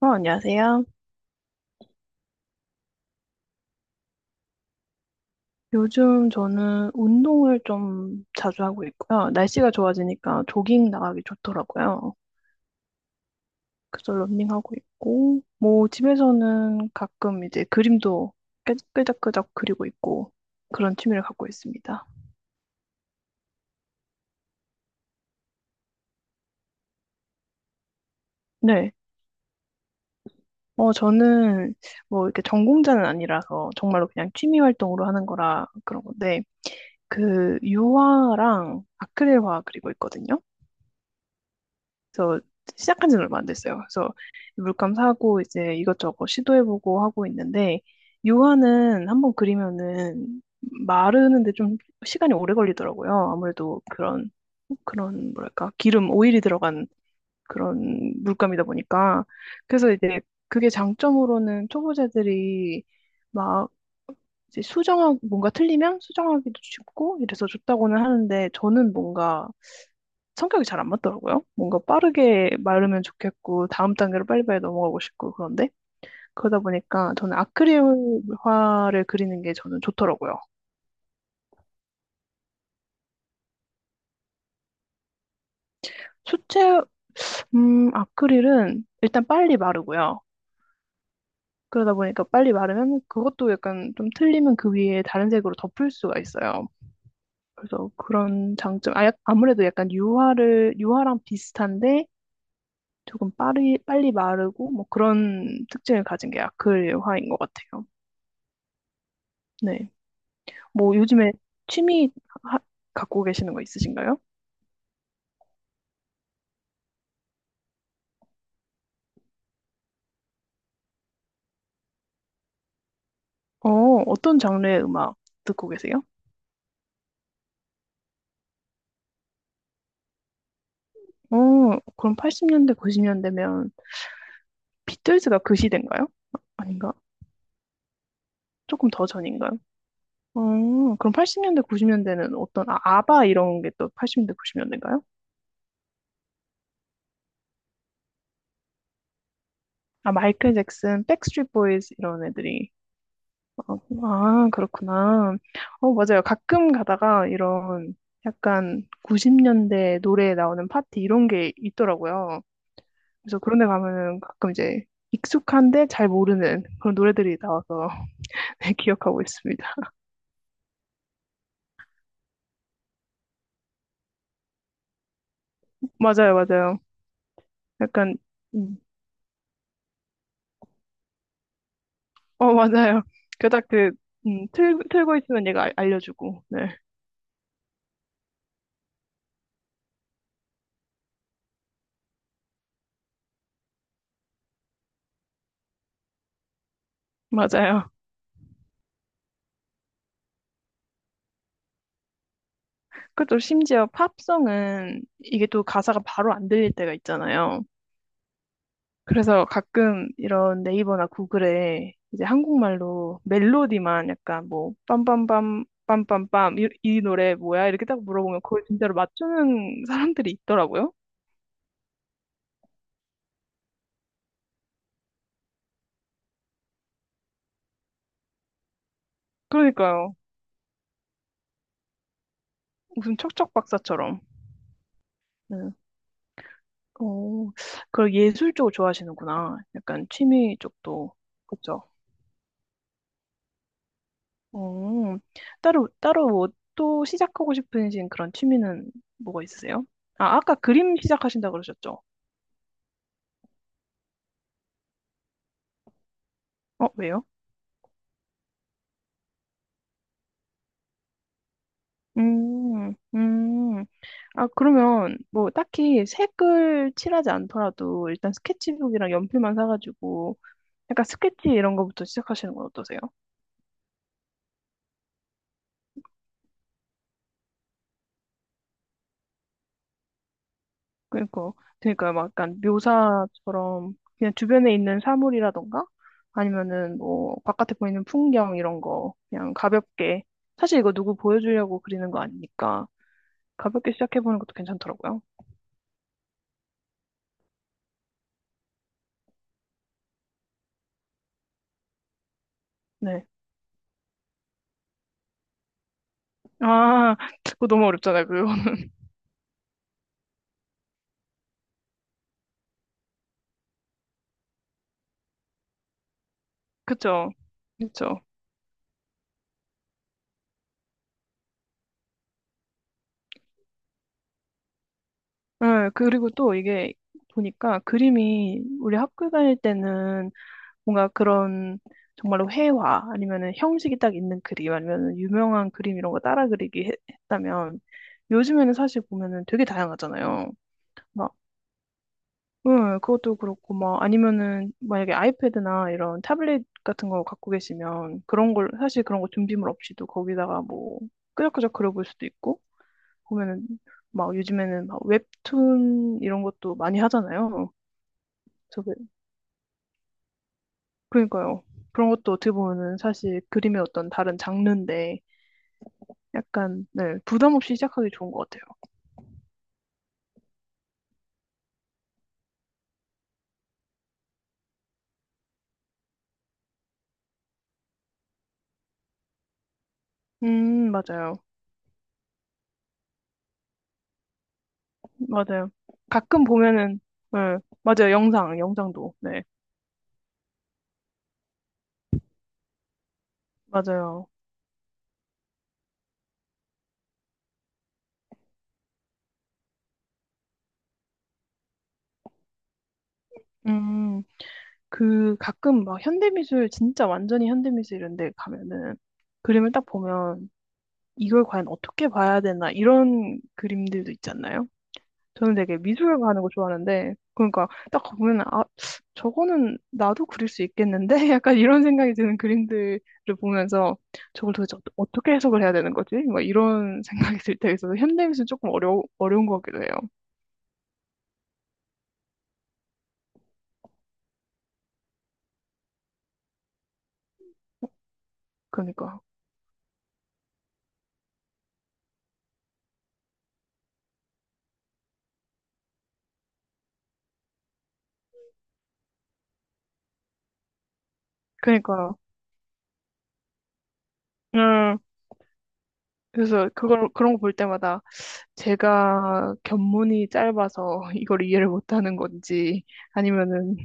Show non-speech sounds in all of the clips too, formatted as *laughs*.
안녕하세요. 요즘 저는 운동을 좀 자주 하고 있고요. 날씨가 좋아지니까 조깅 나가기 좋더라고요. 그래서 러닝하고 있고, 뭐 집에서는 가끔 이제 그림도 끄적끄적 그리고 있고 그런 취미를 갖고 있습니다. 네. 저는 뭐 이렇게 전공자는 아니라서 정말로 그냥 취미 활동으로 하는 거라 그런 건데, 그 유화랑 아크릴화 그리고 있거든요. 그래서 시작한 지는 얼마 안 됐어요. 그래서 물감 사고 이제 이것저것 시도해보고 하고 있는데 유화는 한번 그리면은 마르는데 좀 시간이 오래 걸리더라고요. 아무래도 그런 뭐랄까 기름 오일이 들어간 그런 물감이다 보니까 그래서 이제 그게 장점으로는 초보자들이 막 이제 수정하고 뭔가 틀리면 수정하기도 쉽고 이래서 좋다고는 하는데 저는 뭔가 성격이 잘 안 맞더라고요. 뭔가 빠르게 마르면 좋겠고, 다음 단계로 빨리빨리 넘어가고 싶고, 그런데, 그러다 보니까 저는 아크릴화를 그리는 게 저는 좋더라고요. 수채, 아크릴은 일단 빨리 마르고요. 그러다 보니까 빨리 마르면 그것도 약간 좀 틀리면 그 위에 다른 색으로 덮을 수가 있어요. 그래서 그런 장점, 아무래도 약간 유화랑 비슷한데 조금 빨리 마르고 뭐 그런 특징을 가진 게 아크릴화인 것 같아요. 네. 뭐 요즘에 취미 하- 갖고 계시는 거 있으신가요? 어, 어떤 장르의 음악 듣고 계세요? 어, 그럼 80년대, 90년대면 비틀즈가 그 시대인가요? 아, 아닌가? 조금 더 전인가요? 어, 그럼 80년대, 90년대는 어떤 아, 아바 이런 게 또 80년대, 90년대인가요? 아, 마이클 잭슨, 백스트리트 보이즈 이런 애들이. 어, 아, 그렇구나. 맞아요. 가끔 가다가 이런 약간 90년대 노래에 나오는 파티 이런 게 있더라고요. 그래서 그런 데 가면은 가끔 이제 익숙한데 잘 모르는 그런 노래들이 나와서 *laughs* 네, 기억하고 있습니다. 맞아요, 맞아요. 약간, 음, 맞아요. 그닥 그, 틀고 있으면 얘가 알려주고, 네, 맞아요. 그것도 심지어 팝송은 이게 또 가사가 바로 안 들릴 때가 있잖아요. 그래서 가끔 이런 네이버나 구글에 이제 한국말로 멜로디만 약간 뭐 빰빰빰 빰빰빰 이 노래 뭐야? 이렇게 딱 물어보면 그걸 진짜로 맞추는 사람들이 있더라고요. 그러니까요. 무슨 척척 박사처럼. 네. 어, 그걸 예술 쪽을 좋아하시는구나. 약간 취미 쪽도. 그쵸? 어, 따로 뭐 또 시작하고 싶으신 그런 취미는 뭐가 있으세요? 아, 아까 그림 시작하신다 그러셨죠? 왜요? 음, 음. 아, 그러면 뭐 딱히 색을 칠하지 않더라도 일단 스케치북이랑 연필만 사가지고 약간 스케치 이런 거부터 시작하시는 건 어떠세요? 그러니까, 그러니까 막 약간 묘사처럼 그냥 주변에 있는 사물이라던가 아니면은 뭐 바깥에 보이는 풍경 이런 거 그냥 가볍게 사실 이거 누구 보여주려고 그리는 거 아니니까 가볍게 시작해보는 것도 괜찮더라고요. 네. 아, *laughs* 그거 너무 어렵잖아요, 그거. *laughs* 그쵸. 그쵸. 네, 그리고 또 이게 보니까 그림이 우리 학교 다닐 때는 뭔가 그런 정말로 회화 아니면은 형식이 딱 있는 그림 아니면은 유명한 그림 이런 거 따라 그리기 했다면 요즘에는 사실 보면은 되게 다양하잖아요. 막, 응, 그것도 그렇고 막 아니면은 만약에 아이패드나 이런 타블릿 같은 거 갖고 계시면 그런 걸 사실 그런 거 준비물 없이도 거기다가 뭐 끄적끄적 그려볼 수도 있고 보면은 막 요즘에는 막 웹툰 이런 것도 많이 하잖아요. 저 그- 그러니까요. 그런 것도 어떻게 보면은 사실 그림의 어떤 다른 장르인데 약간 네, 부담 없이 시작하기 좋은 것 같아요. 맞아요. 맞아요. 가끔 보면은 네, 맞아요. 영상도. 네. 맞아요. 음, 그 가끔 막 현대미술 진짜 완전히 현대미술 이런 데 가면은 그림을 딱 보면 이걸 과연 어떻게 봐야 되나 이런 그림들도 있지 않나요? 저는 되게 미술을 가는 거 좋아하는데 그러니까 딱 보면 아 저거는 나도 그릴 수 있겠는데 *laughs* 약간 이런 생각이 드는 그림들을 보면서 저걸 도대체 어떻게 해석을 해야 되는 거지? 막 이런 *laughs* 생각이 들 때가 있어서 현대미술 조금 어려운 것 같기도 해요. 그러니까 그러니까 음 그래서 그걸 그런 거 볼 때마다 제가 견문이 짧아서 *laughs* 이걸 이해를 못하는 건지 아니면은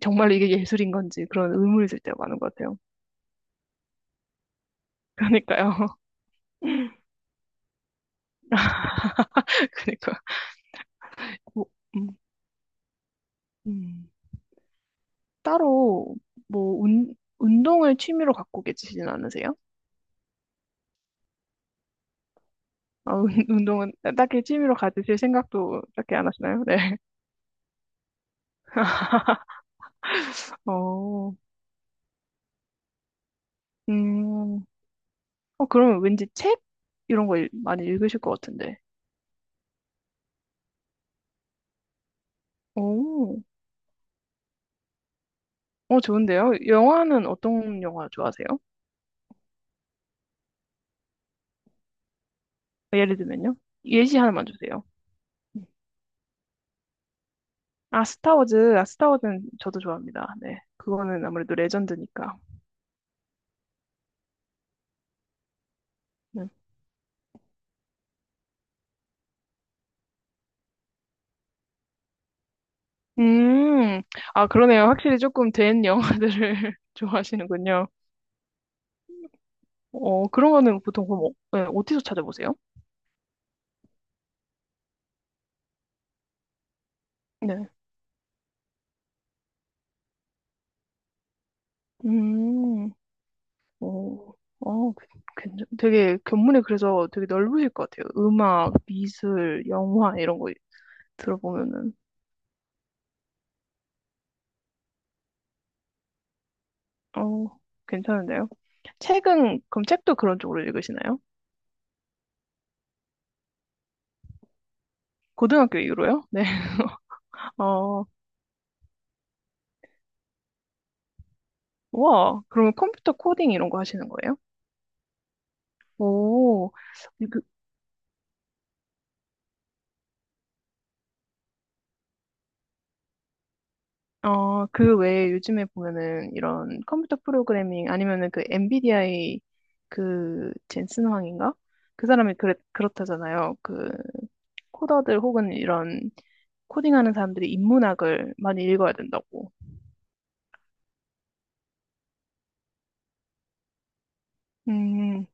정말 이게 예술인 건지 그런 의문이 들 때가 많은 것 같아요. 그러니까요. *laughs* 그러니까 뭐, 음, 음. 따로 뭐 운동을 취미로 갖고 계시진 않으세요? 아, *laughs* 운동은 딱히 취미로 가지실 생각도 딱히 안 하시나요? 네. *laughs* 어, 음, 그러면 왠지 책 이런 거 많이 읽으실 것 같은데. 오, 좋은데요? 영화는 어떤 영화 좋아하세요? 예를 들면요. 예시 하나만 주세요. 음. 아, 스타워즈. 아, 스타워즈는 저도 좋아합니다. 네. 그거는 아무래도 레전드니까. 네. 음, 아, 그러네요. 확실히 조금 된 영화들을 *laughs* 좋아하시는군요. 그런 거는 보통 그럼 네, 어디서 찾아보세요? 네. 음, 어, 어, 그- 되게 견문이 그래서 되게 넓으실 것 같아요. 음악, 미술, 영화 이런 거 들어보면은, 어, 괜찮은데요? 책은, 그럼 책도 그런 쪽으로 읽으시나요? 고등학교 이후로요? 네. 어, 와, 그러면 컴퓨터 코딩 이런 거 하시는 거예요? 오, 그, 그 외에 요즘에 보면은 이런 컴퓨터 프로그래밍 아니면은 그 엔비디아의 그 젠슨 황인가? 그 사람이 그렇다잖아요. 그 코더들 혹은 이런 코딩하는 사람들이 인문학을 많이 읽어야 된다고. 음,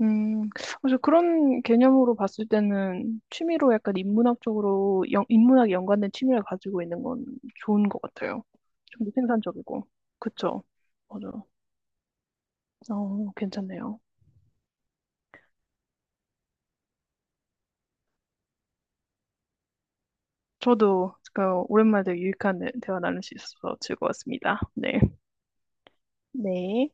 음, 그래서 그런 개념으로 봤을 때는 취미로 약간 인문학 쪽으로, 인문학에 연관된 취미를 가지고 있는 건 좋은 것 같아요. 좀 더 생산적이고. 그쵸? 맞아. 괜찮네요. 저도 오랜만에 되게 유익한 대화 나눌 수 있어서 즐거웠습니다. 네. 네.